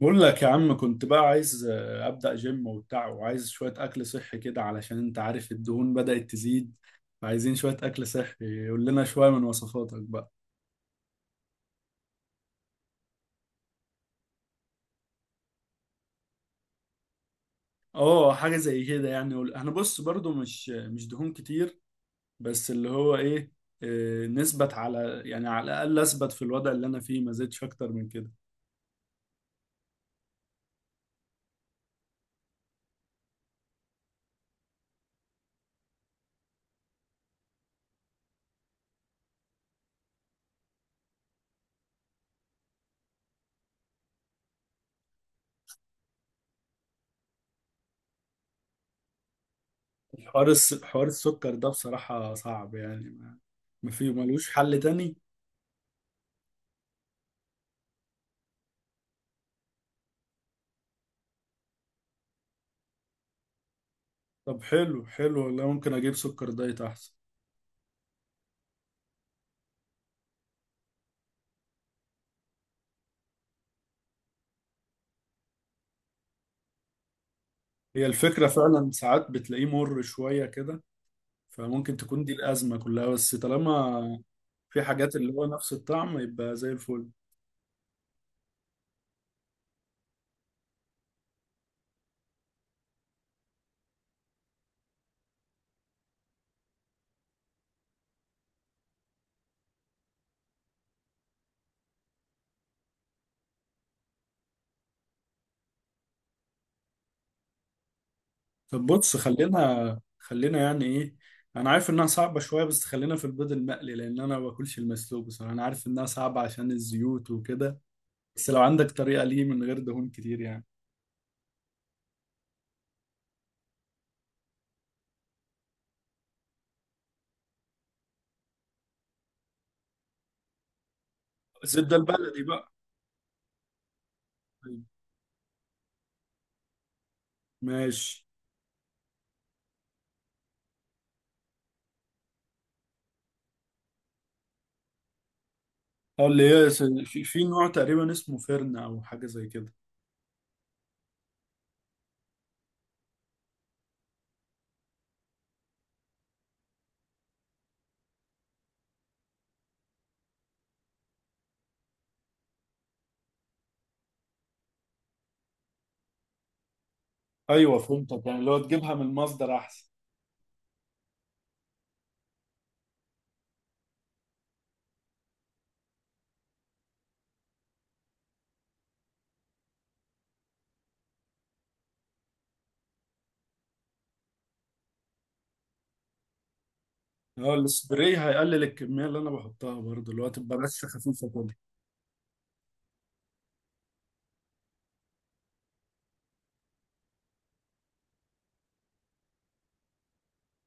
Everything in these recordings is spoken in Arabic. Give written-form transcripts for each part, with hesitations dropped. بقول لك يا عم، كنت بقى عايز ابدا جيم وبتاع، وعايز شويه اكل صحي كده علشان انت عارف الدهون بدات تزيد. فعايزين شويه اكل صحي، قول لنا شويه من وصفاتك بقى. اه، حاجه زي كده يعني. انا بص برضو مش دهون كتير، بس اللي هو ايه، نثبت على، يعني على الاقل اثبت في الوضع اللي انا فيه، ما زدتش اكتر من كده. حوار السكر ده بصراحه صعب يعني، ما فيه ملوش حل تاني؟ طب حلو حلو والله، ممكن اجيب سكر دايت احسن. هي الفكرة فعلا، ساعات بتلاقيه مر شوية كده، فممكن تكون دي الأزمة كلها. بس طالما في حاجات اللي هو نفس الطعم، يبقى زي الفل. طب بص، خلينا خلينا يعني إيه، أنا عارف إنها صعبة شوية، بس خلينا في البيض المقلي، لأن أنا ما باكلش المسلوق بصراحة. أنا عارف إنها صعبة عشان الزيوت وكده، بس لو عندك طريقة ليه من غير دهون كتير يعني. الزبدة البلدي بقى. ماشي. اه، اللي هي في نوع تقريبا اسمه فرن أو حاجة زي كده. أيوه فهمتك، يعني اللي هو تجيبها من المصدر أحسن. اه، السبراي هيقلل الكميه اللي انا بحطها برضه، اللي هو تبقى بس خفيفه كده.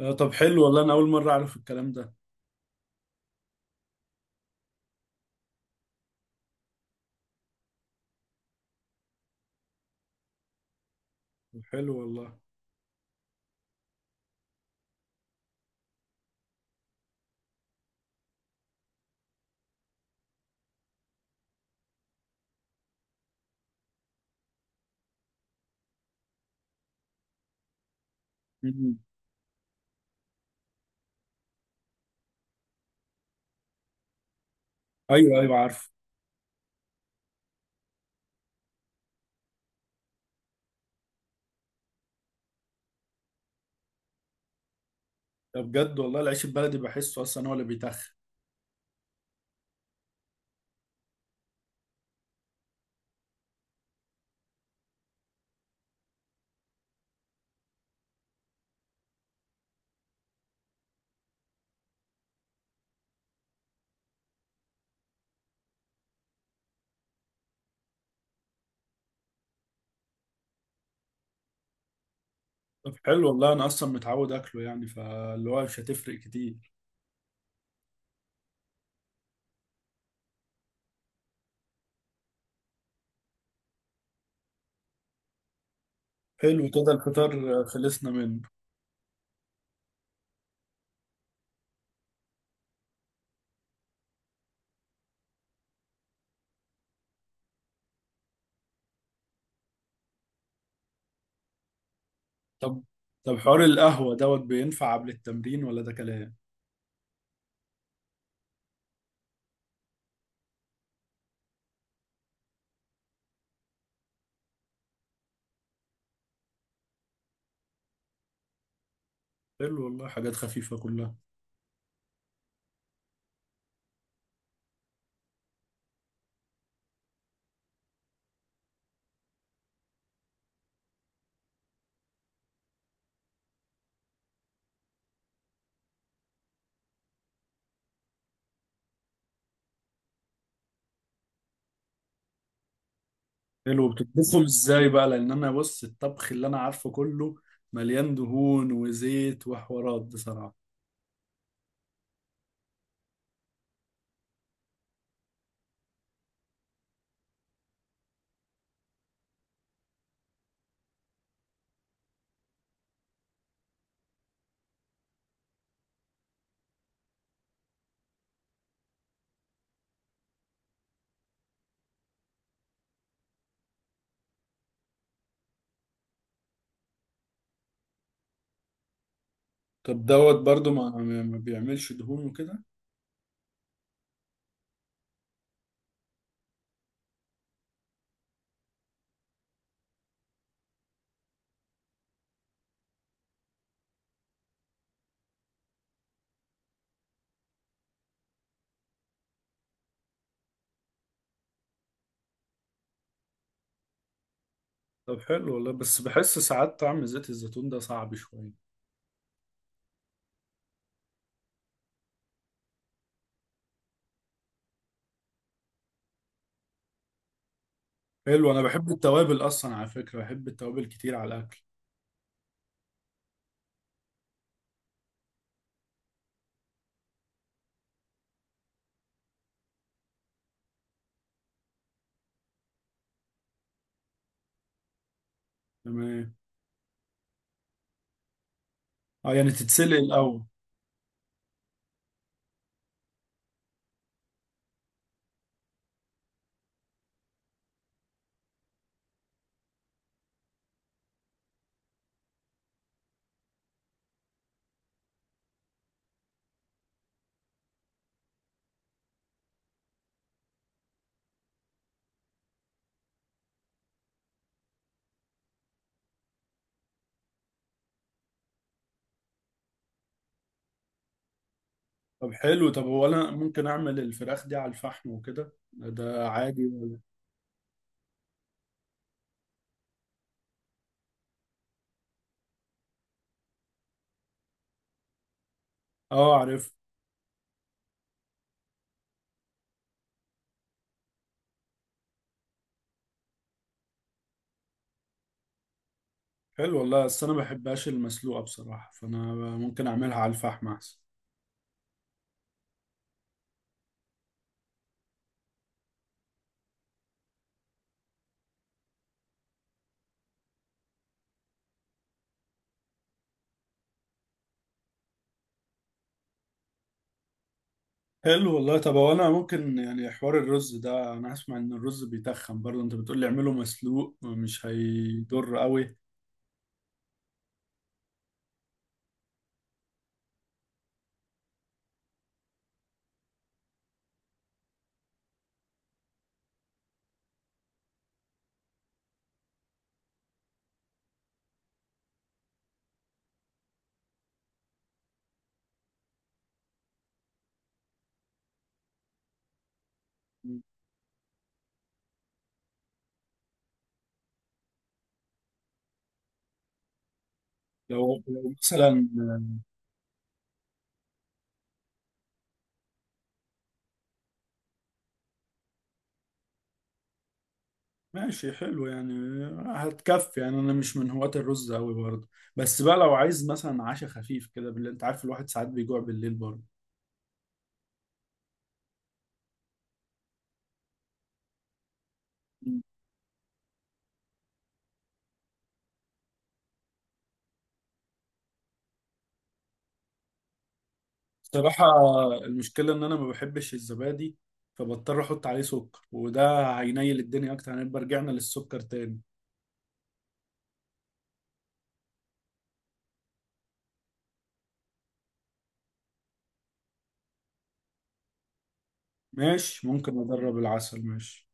آه، طب حلو والله، انا اول مره اعرف الكلام ده. طب حلو والله. مم. ايوه ايوه عارف. ده بجد والله، العيش البلدي بحسه اصلا هو اللي بيتخن. طب حلو والله، انا اصلا متعود اكله يعني، فاللي هو مش هتفرق كتير. حلو كده الفطار، خلصنا منه. طب طب حوار القهوه دوت بينفع قبل التمرين ولا ده كلام؟ حلو والله، حاجات خفيفه كلها. حلو، بتطبخهم ازاي بقى، لان انا بص الطبخ اللي انا عارفه كله مليان دهون وزيت وحوارات بصراحة. طب دوت برضو ما بيعملش دهون وكده؟ طب حلو والله، بس بحس ساعات طعم زيت الزيتون ده صعب شوية. حلو، انا بحب التوابل اصلا على فكرة، بحب التوابل كتير على الاكل. تمام. اه، يعني تتسلق الاول؟ طب حلو، طب هو انا ممكن اعمل الفراخ دي على الفحم وكده، ده عادي ولا؟ اه عارف. حلو والله، بس انا ما بحبهاش المسلوقة بصراحة، فانا ممكن اعملها على الفحم احسن. حلو والله، طب هو انا ممكن يعني حوار الرز ده، انا اسمع ان الرز بيتخن برضه، انت بتقول لي اعمله مسلوق مش هيضر قوي؟ لو مثلا، ماشي حلو يعني. هتكفي يعني، انا مش من هواة الرز قوي برضه. بس بقى لو عايز مثلا عشاء خفيف كده بالليل، انت عارف الواحد ساعات بيجوع بالليل برضه. بصراحة المشكلة ان انا ما بحبش الزبادي، فبضطر احط عليه سكر، وده هينيل الدنيا اكتر، هنبقى رجعنا للسكر تاني. ماشي، ممكن اجرب العسل، ماشي.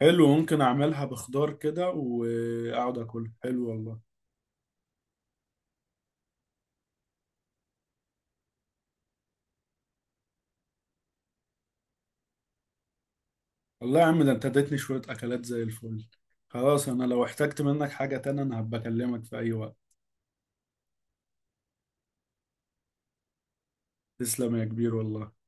حلو، ممكن اعملها بخضار كده واقعد اكل، حلو والله. والله يا عم، ده انت اديتني شوية اكلات زي الفل. خلاص، انا لو احتجت منك حاجة تانية انا هبقى اكلمك في اي وقت. تسلم يا كبير والله.